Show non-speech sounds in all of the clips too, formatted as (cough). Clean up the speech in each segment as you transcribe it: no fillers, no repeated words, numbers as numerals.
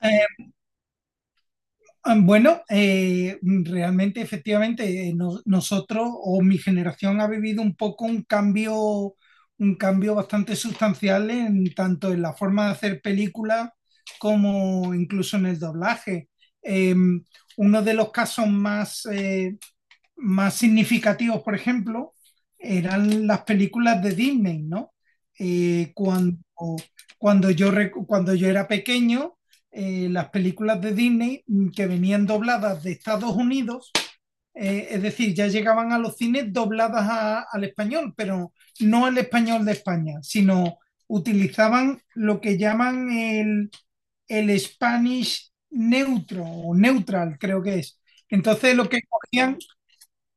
Eh, bueno, realmente, efectivamente, nosotros o mi generación ha vivido un poco un cambio bastante sustancial en tanto en la forma de hacer películas como incluso en el doblaje. Eh, Uno de los casos más, más significativos, por ejemplo, eran las películas de Disney, ¿no? Eh, cuando, cuando, yo, cuando yo era pequeño, las películas de Disney que venían dobladas de Estados Unidos, es decir, ya llegaban a los cines dobladas al español, pero no al español de España, sino utilizaban lo que llaman el Spanish neutro o neutral, creo que es. Entonces lo que cogían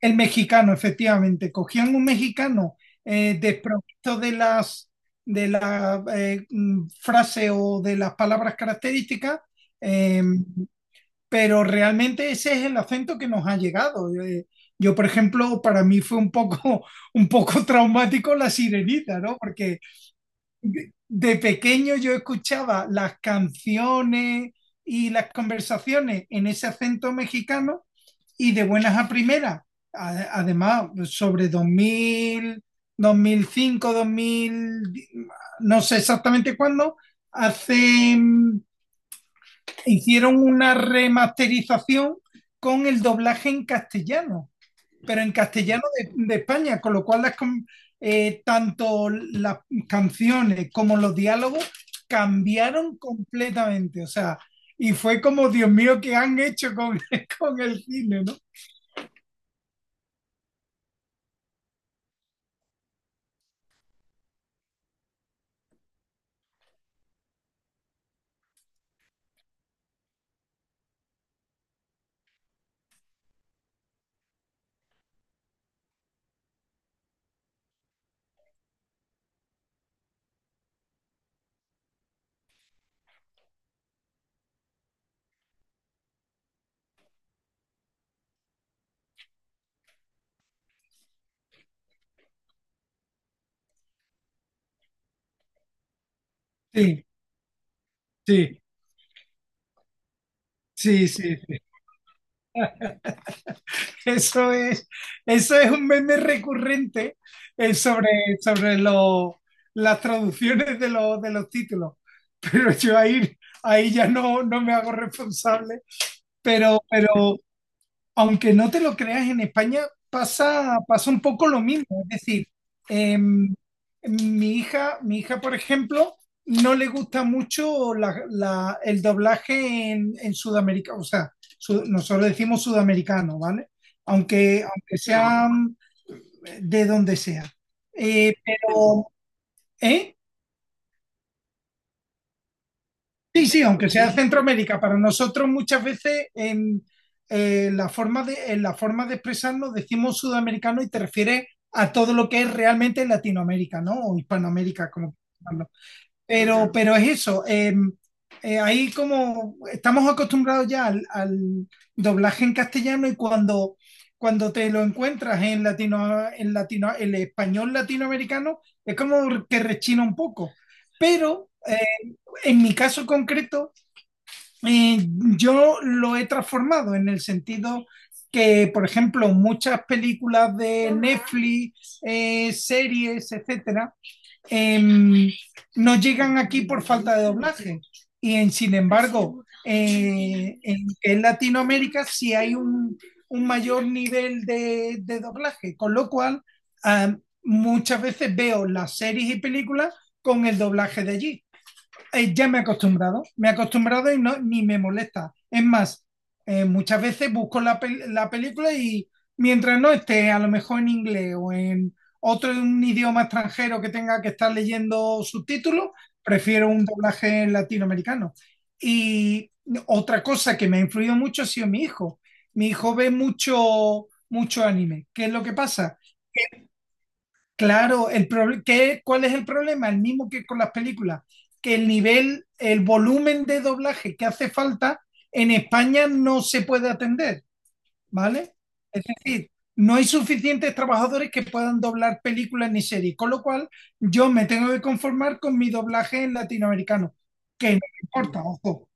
el mexicano, efectivamente. Cogían un mexicano desprovisto de las de la frase o de las palabras características, eh, pero realmente ese es el acento que nos ha llegado. Yo, por ejemplo, para mí fue un poco, (laughs) un poco traumático la sirenita, ¿no? Porque de pequeño yo escuchaba las canciones y las conversaciones en ese acento mexicano y de buenas a primeras. Además, sobre dos dos mil 2005 dos mil no sé exactamente cuándo, hace hicieron una remasterización con el doblaje en castellano, pero en castellano de España, con lo cual tanto las canciones como los diálogos cambiaron completamente, o sea, y fue como, Dios mío, ¿qué han hecho con, (laughs) con el cine, no? Sí, sí. Sí, sí, sí. (laughs) Eso es, eso es un meme recurrente eh, sobre, sobre las traducciones los de los títulos. (laughs) Pero yo ahí, ahí ya no, no me hago responsable. Pero aunque no te lo creas, en España pasa un poco lo mismo. Es decir, em, mi hija, por ejemplo, no le gusta mucho el doblaje en Sudamérica. O sea, nosotros decimos sudamericano, ¿vale? Aunque, aunque sean de donde sea. Pero, ¿eh? Sí, sí, aunque sea Centroamérica, para nosotros muchas veces en la forma de expresarnos decimos sudamericano y te refieres a todo lo que es realmente Latinoamérica, ¿no? O Hispanoamérica, como pero es eso. Ahí como estamos acostumbrados ya al doblaje en castellano y cuando te lo encuentras en latino, el español latinoamericano, es como que rechina un poco. Pero en mi caso concreto, eh, yo lo he transformado en el sentido que, por ejemplo, muchas películas de Netflix, series, etcétera, eh, no llegan aquí por falta de doblaje. Y sin embargo, en Latinoamérica sí hay un mayor nivel de doblaje, con lo cual muchas veces veo las series y películas con el doblaje de allí ya me he acostumbrado y no, ni me molesta. Es más, muchas veces busco la película y mientras no esté a lo mejor en inglés o en otro un idioma extranjero que tenga que estar leyendo subtítulos, prefiero un doblaje latinoamericano. Y otra cosa que me ha influido mucho ha sido mi hijo. Mi hijo ve mucho, mucho anime. ¿Qué es lo que pasa? Claro, ¿cuál es el problema? El mismo que con las películas, que el nivel, el volumen de doblaje que hace falta en España no se puede atender, ¿vale? Es decir, no hay suficientes trabajadores que puedan doblar películas ni series, con lo cual yo me tengo que conformar con mi doblaje en latinoamericano, que no me importa, ojo.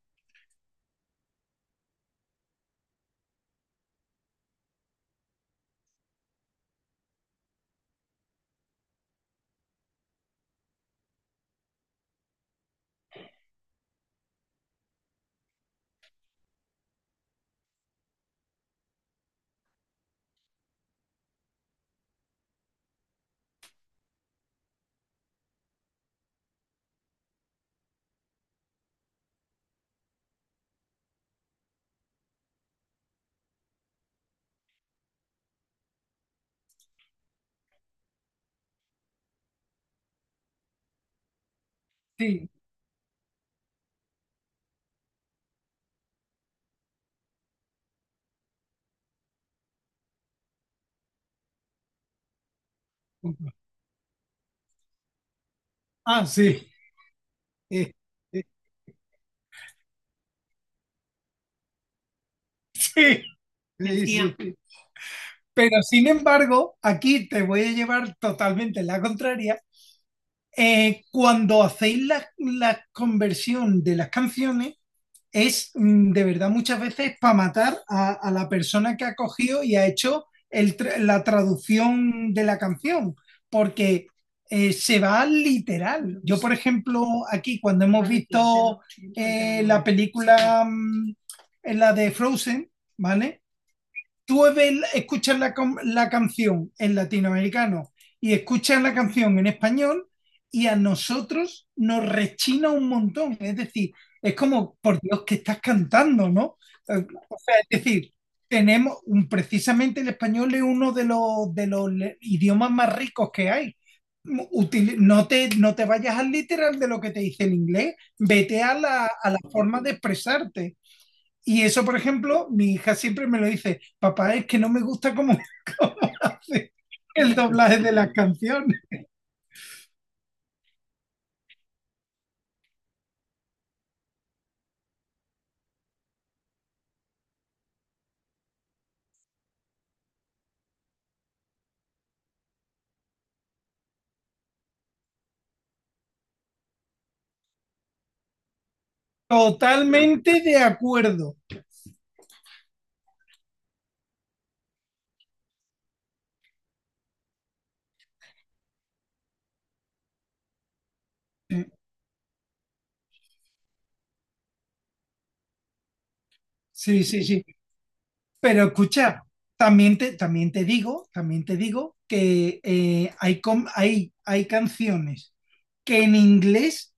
Sí. Ah, sí. Eh, eh, Sí, sí, sí. Pero sin embargo, aquí te voy a llevar totalmente la contraria cuando hacéis la conversión de las canciones, es de verdad muchas veces para matar a la persona que ha cogido y ha hecho la traducción de la canción, porque se va al literal. Yo, por ejemplo, aquí cuando hemos visto eh, la película, mm, la de Frozen, ¿vale? Escuchas la canción en latinoamericano y escuchas la canción en español y a nosotros nos rechina un montón. Es decir, es como, por Dios, que estás cantando, ¿no? O sea, es decir, precisamente el español es uno de idiomas más ricos que hay. No te vayas al literal de lo que te dice el inglés, vete a a la forma de expresarte. Y eso, por ejemplo, mi hija siempre me lo dice, papá, es que no me gusta (laughs) cómo hace el doblaje de las canciones. Totalmente de acuerdo. Sí, sí, sí. Pero escucha, también te digo que hay canciones que en inglés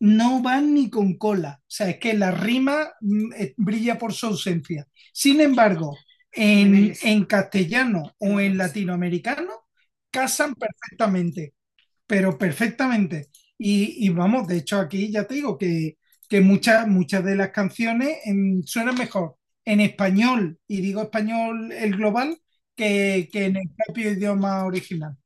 no van ni con cola. O sea, es que la rima brilla por su ausencia. Sin embargo, en castellano o en latinoamericano, casan perfectamente, pero perfectamente. Y vamos, de hecho, aquí ya te digo que muchas, muchas de las canciones suenan mejor en español, y digo español el global, que en el propio idioma original.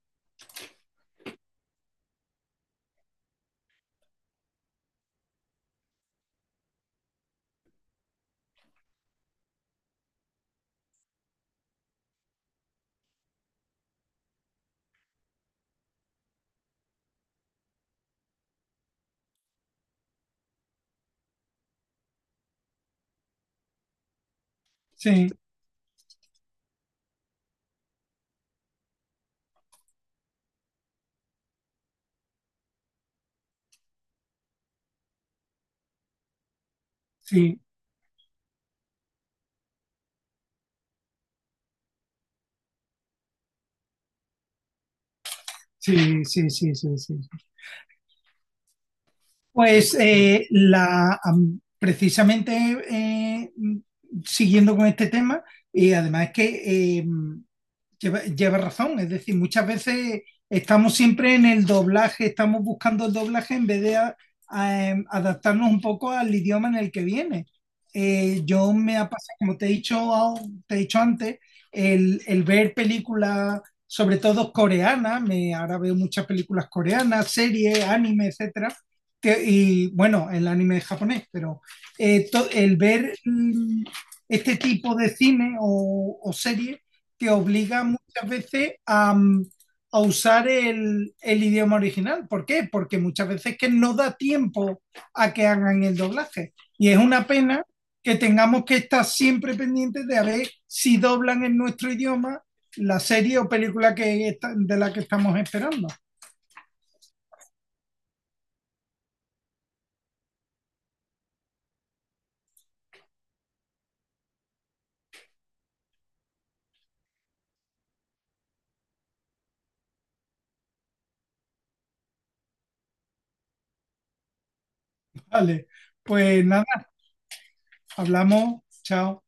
Sí, sí, sí, sí, sí, sí, sí. Pues precisamente eh, siguiendo con este tema, y además es que lleva razón, es decir, muchas veces estamos siempre en el doblaje, estamos buscando el doblaje en vez de adaptarnos un poco al idioma en el que viene. Yo me ha pasado, como te he dicho, te he dicho antes, el ver películas, sobre todo coreanas, me, ahora veo muchas películas coreanas, series, anime, etcétera, y bueno, el anime es japonés, pero eh, to- el ver mm, este tipo de cine o serie te obliga muchas veces a, a usar el idioma original. ¿Por qué? Porque muchas veces es que no da tiempo a que hagan el doblaje. Y es una pena que tengamos que estar siempre pendientes de a ver si doblan en nuestro idioma la serie o película de la que estamos esperando. Vale, pues nada, hablamos, chao.